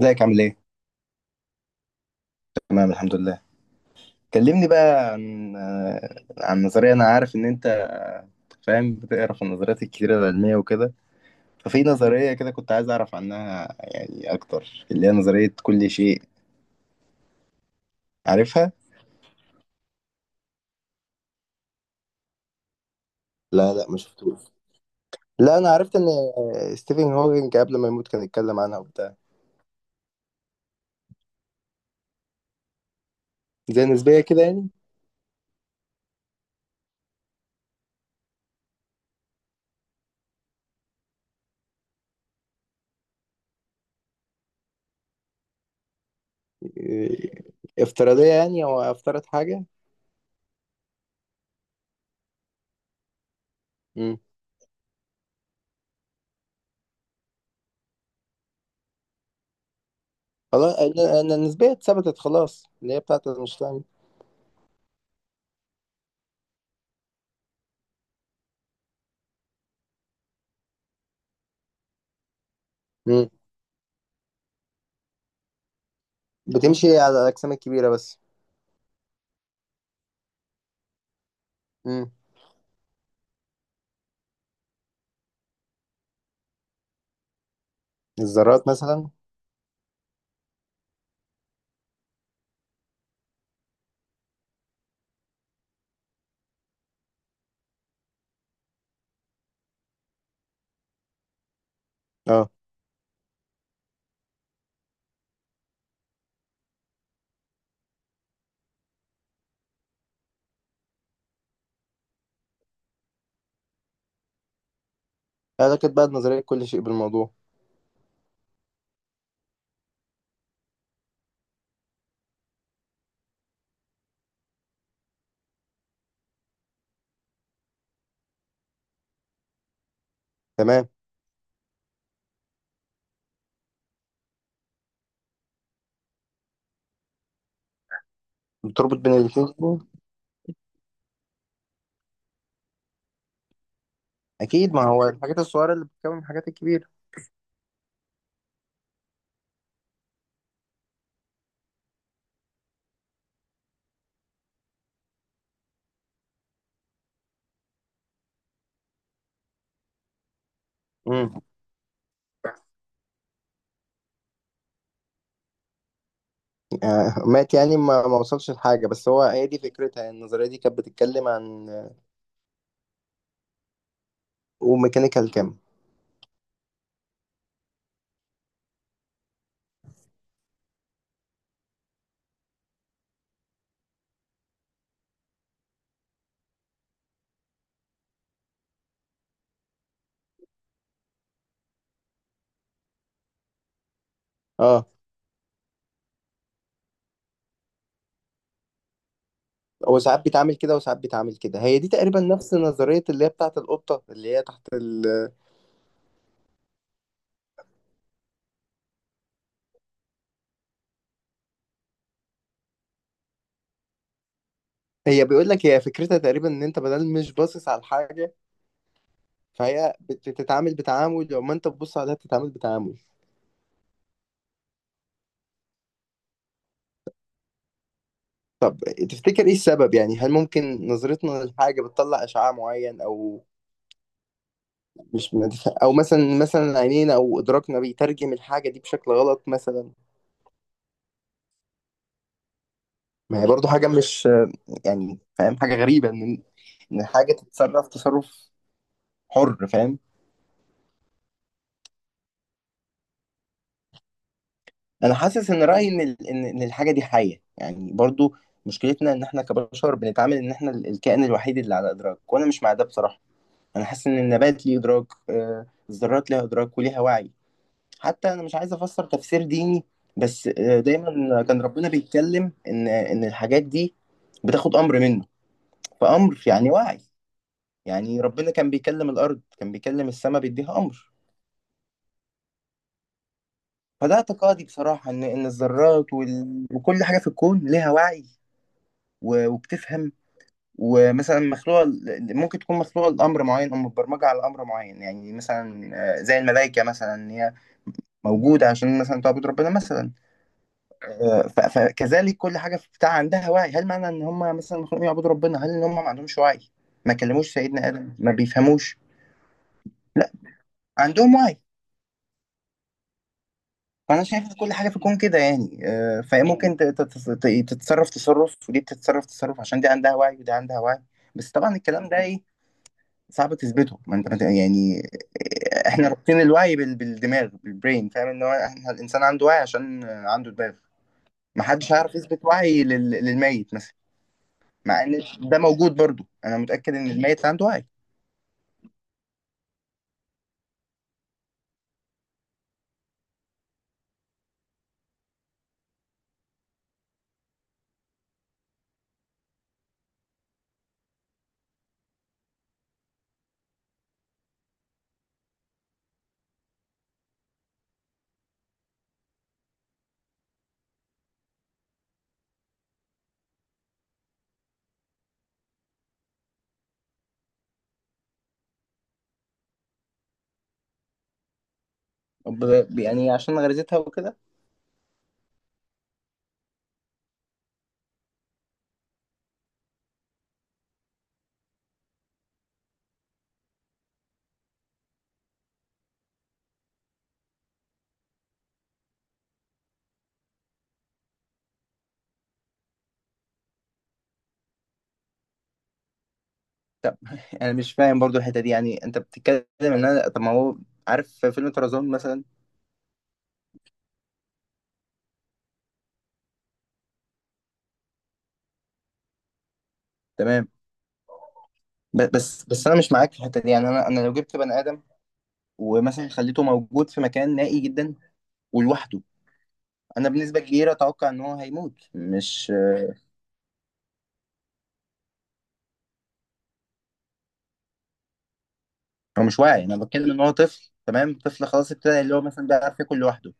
ازيك عامل ايه؟ تمام الحمد لله. كلمني بقى عن نظرية. انا عارف ان انت فاهم، بتقرا في النظريات الكتيرة العلمية وكده. ففي نظرية كده كنت عايز اعرف عنها يعني اكتر، اللي هي نظرية كل شيء. عارفها؟ لا، لا، ما شفتوش. لا، انا عرفت ان ستيفن هوكينج قبل ما يموت كان يتكلم عنها وبتاع. زي نسبية كده يعني. آه، افتراضية يعني، او افترض حاجة. امم. خلاص. إن النسبية اتثبتت خلاص، اللي هي بتاعت اينشتاين. بتمشي على الأجسام الكبيرة بس. مم. الذرات مثلا. اه. أعتقد بقى نظرية كل شيء بالموضوع. تمام. بتربط بين الاتنين. أكيد، ما هو الحاجات الصغيرة اللي بتكون الحاجات الكبيرة. مم. مات يعني، ما وصلش لحاجة. بس هي دي فكرتها، يعني النظرية دي كانت بتتكلم عن. وميكانيكال كم. اه. هو ساعات بيتعامل كده وساعات بيتعامل كده، هي دي تقريبا نفس نظرية اللي هي بتاعة القطة اللي هي تحت. هي بيقول لك هي فكرتها تقريبا ان انت بدل مش باصص على الحاجة، فهي بتتعامل بتعامل لو ما انت بتبص عليها بتتعامل بتعامل. طب، تفتكر ايه السبب؟ يعني هل ممكن نظرتنا للحاجة بتطلع اشعاع معين؟ او مش مدف... او مثلا عينينا او ادراكنا بيترجم الحاجة دي بشكل غلط مثلا؟ ما هي برضو حاجة مش، يعني فاهم حاجة غريبة، ان الحاجة تتصرف تصرف حر، فاهم؟ انا حاسس ان رأيي ان إن الحاجة دي حية يعني. برضو مشكلتنا ان احنا كبشر بنتعامل ان احنا الكائن الوحيد اللي على ادراك، وانا مش مع ده بصراحة. انا حاسس ان النبات ليه ادراك، الذرات ليها ادراك وليها وعي. حتى انا مش عايز افسر تفسير ديني، بس دايما كان ربنا بيتكلم ان الحاجات دي بتاخد امر منه. فامر يعني وعي. يعني ربنا كان بيكلم الارض، كان بيكلم السماء، بيديها امر. فده اعتقادي بصراحة، ان الذرات وكل حاجة في الكون ليها وعي وبتفهم. ومثلا مخلوقة ممكن تكون مخلوقة لأمر معين أو متبرمجة على أمر معين، يعني مثلا زي الملائكة مثلا، هي موجود عشان مثلا تعبد ربنا مثلا. فكذلك كل حاجه في بتاع عندها وعي. هل معنى ان هم مثلا مخلوقين يعبدوا ربنا هل ان هم ما عندهمش وعي؟ ما كلموش سيدنا ادم؟ ما بيفهموش؟ لا، عندهم وعي. فانا شايف ان كل حاجه في الكون كده يعني. فهي ممكن تتصرف تصرف، ودي بتتصرف تصرف، عشان دي عندها وعي ودي عندها وعي. بس طبعا الكلام ده ايه، صعب تثبته. ما انت ما انت- يعني احنا رابطين الوعي بالدماغ، بالبرين. فاهم ان هو احنا الانسان عنده وعي عشان عنده دماغ. محدش هيعرف يثبت وعي للميت مثلا. مع ان ده موجود برضو، انا متاكد ان الميت عنده وعي. يعني عشان غريزتها وكده. انا مش فاهم برضو الحته دي، يعني انت بتتكلم ان انا، طب ما هو، عارف في فيلم طرزان مثلا؟ تمام. بس انا مش معاك في الحته دي يعني، انا لو جبت بني ادم ومثلا خليته موجود في مكان نائي جدا ولوحده، انا بنسبه كبيره اتوقع ان هو هيموت، مش هو مش واعي. انا بتكلم ان هو طفل، تمام؟ طفل خلاص ابتدى، اللي هو مثلا بيعرف ياكل لوحده.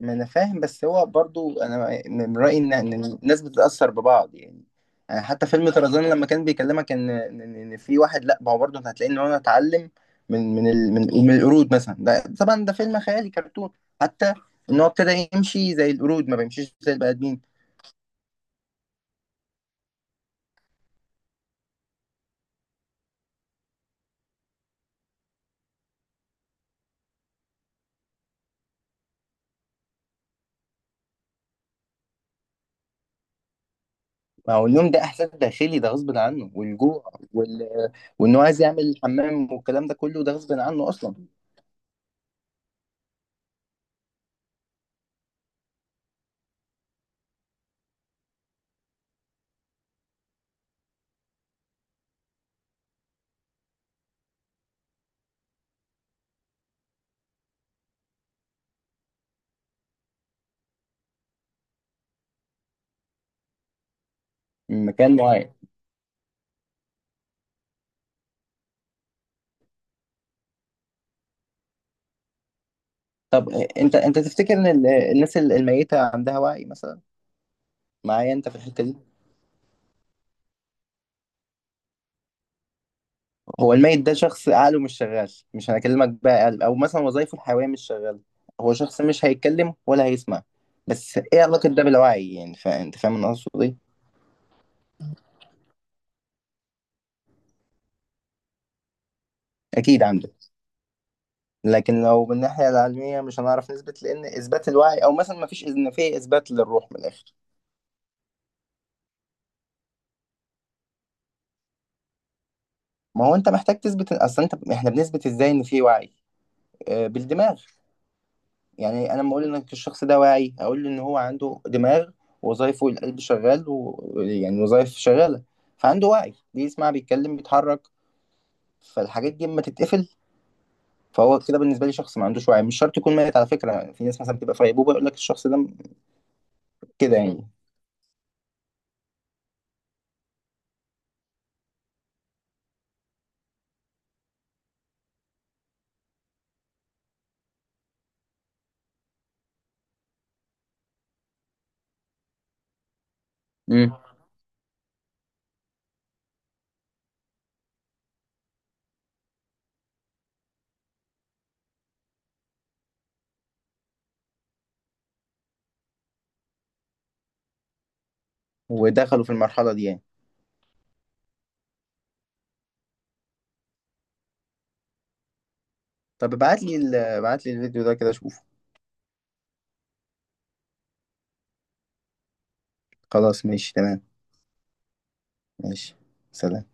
ما انا فاهم، بس هو برضو انا من رايي ان إن الناس بتتاثر ببعض يعني. أنا حتى فيلم طرزان لما كان بيكلمك ان إن في واحد، لا، ما هو برضه انت هتلاقي ان هو اتعلم من من القرود مثلا، ده طبعا ده فيلم خيالي كرتون. حتى ان هو ابتدى يمشي زي القرود، ما بيمشيش زي البني ادمين. ما هو اليوم ده احساس داخلي، ده غصب عنه، والجوع وال وان هو عايز يعمل حمام والكلام ده كله، ده غصب عنه اصلا. من مكان معين؟ طب انت، تفتكر ان الناس الميته عندها وعي مثلا؟ معايا انت في الحته دي؟ هو الميت ده شخص عقله مش شغال، مش هنكلمك بقى قلب او مثلا وظايفه الحيويه مش شغاله. هو شخص مش هيتكلم ولا هيسمع. بس ايه علاقه ده بالوعي يعني؟ انت فاهم انا اقصد ايه؟ اكيد عنده. لكن لو من الناحيه العلميه مش هنعرف نثبت، لان اثبات الوعي او مثلا ما فيش، ان في اثبات للروح من الاخر. ما هو انت محتاج تثبت اصلا. انت، احنا بنثبت ازاي ان في وعي؟ بالدماغ. يعني انا لما اقول انك الشخص ده واعي، اقول له ان هو عنده دماغ، وظائفه القلب شغال، ويعني وظائف شغاله، فعنده وعي، بيسمع، بيتكلم، بيتحرك. فالحاجات دي اما تتقفل، فهو كده بالنسبه لي شخص ما عندوش وعي. مش شرط يكون ميت، على فكره. في ناس مثلا بتبقى في غيبوبه، يقول لك الشخص ده كده يعني. امم. ودخلوا في المرحله دي يعني؟ طب ابعت لي الفيديو ده كده اشوفه. خلاص ماشي، تمام. ماشي. سلام.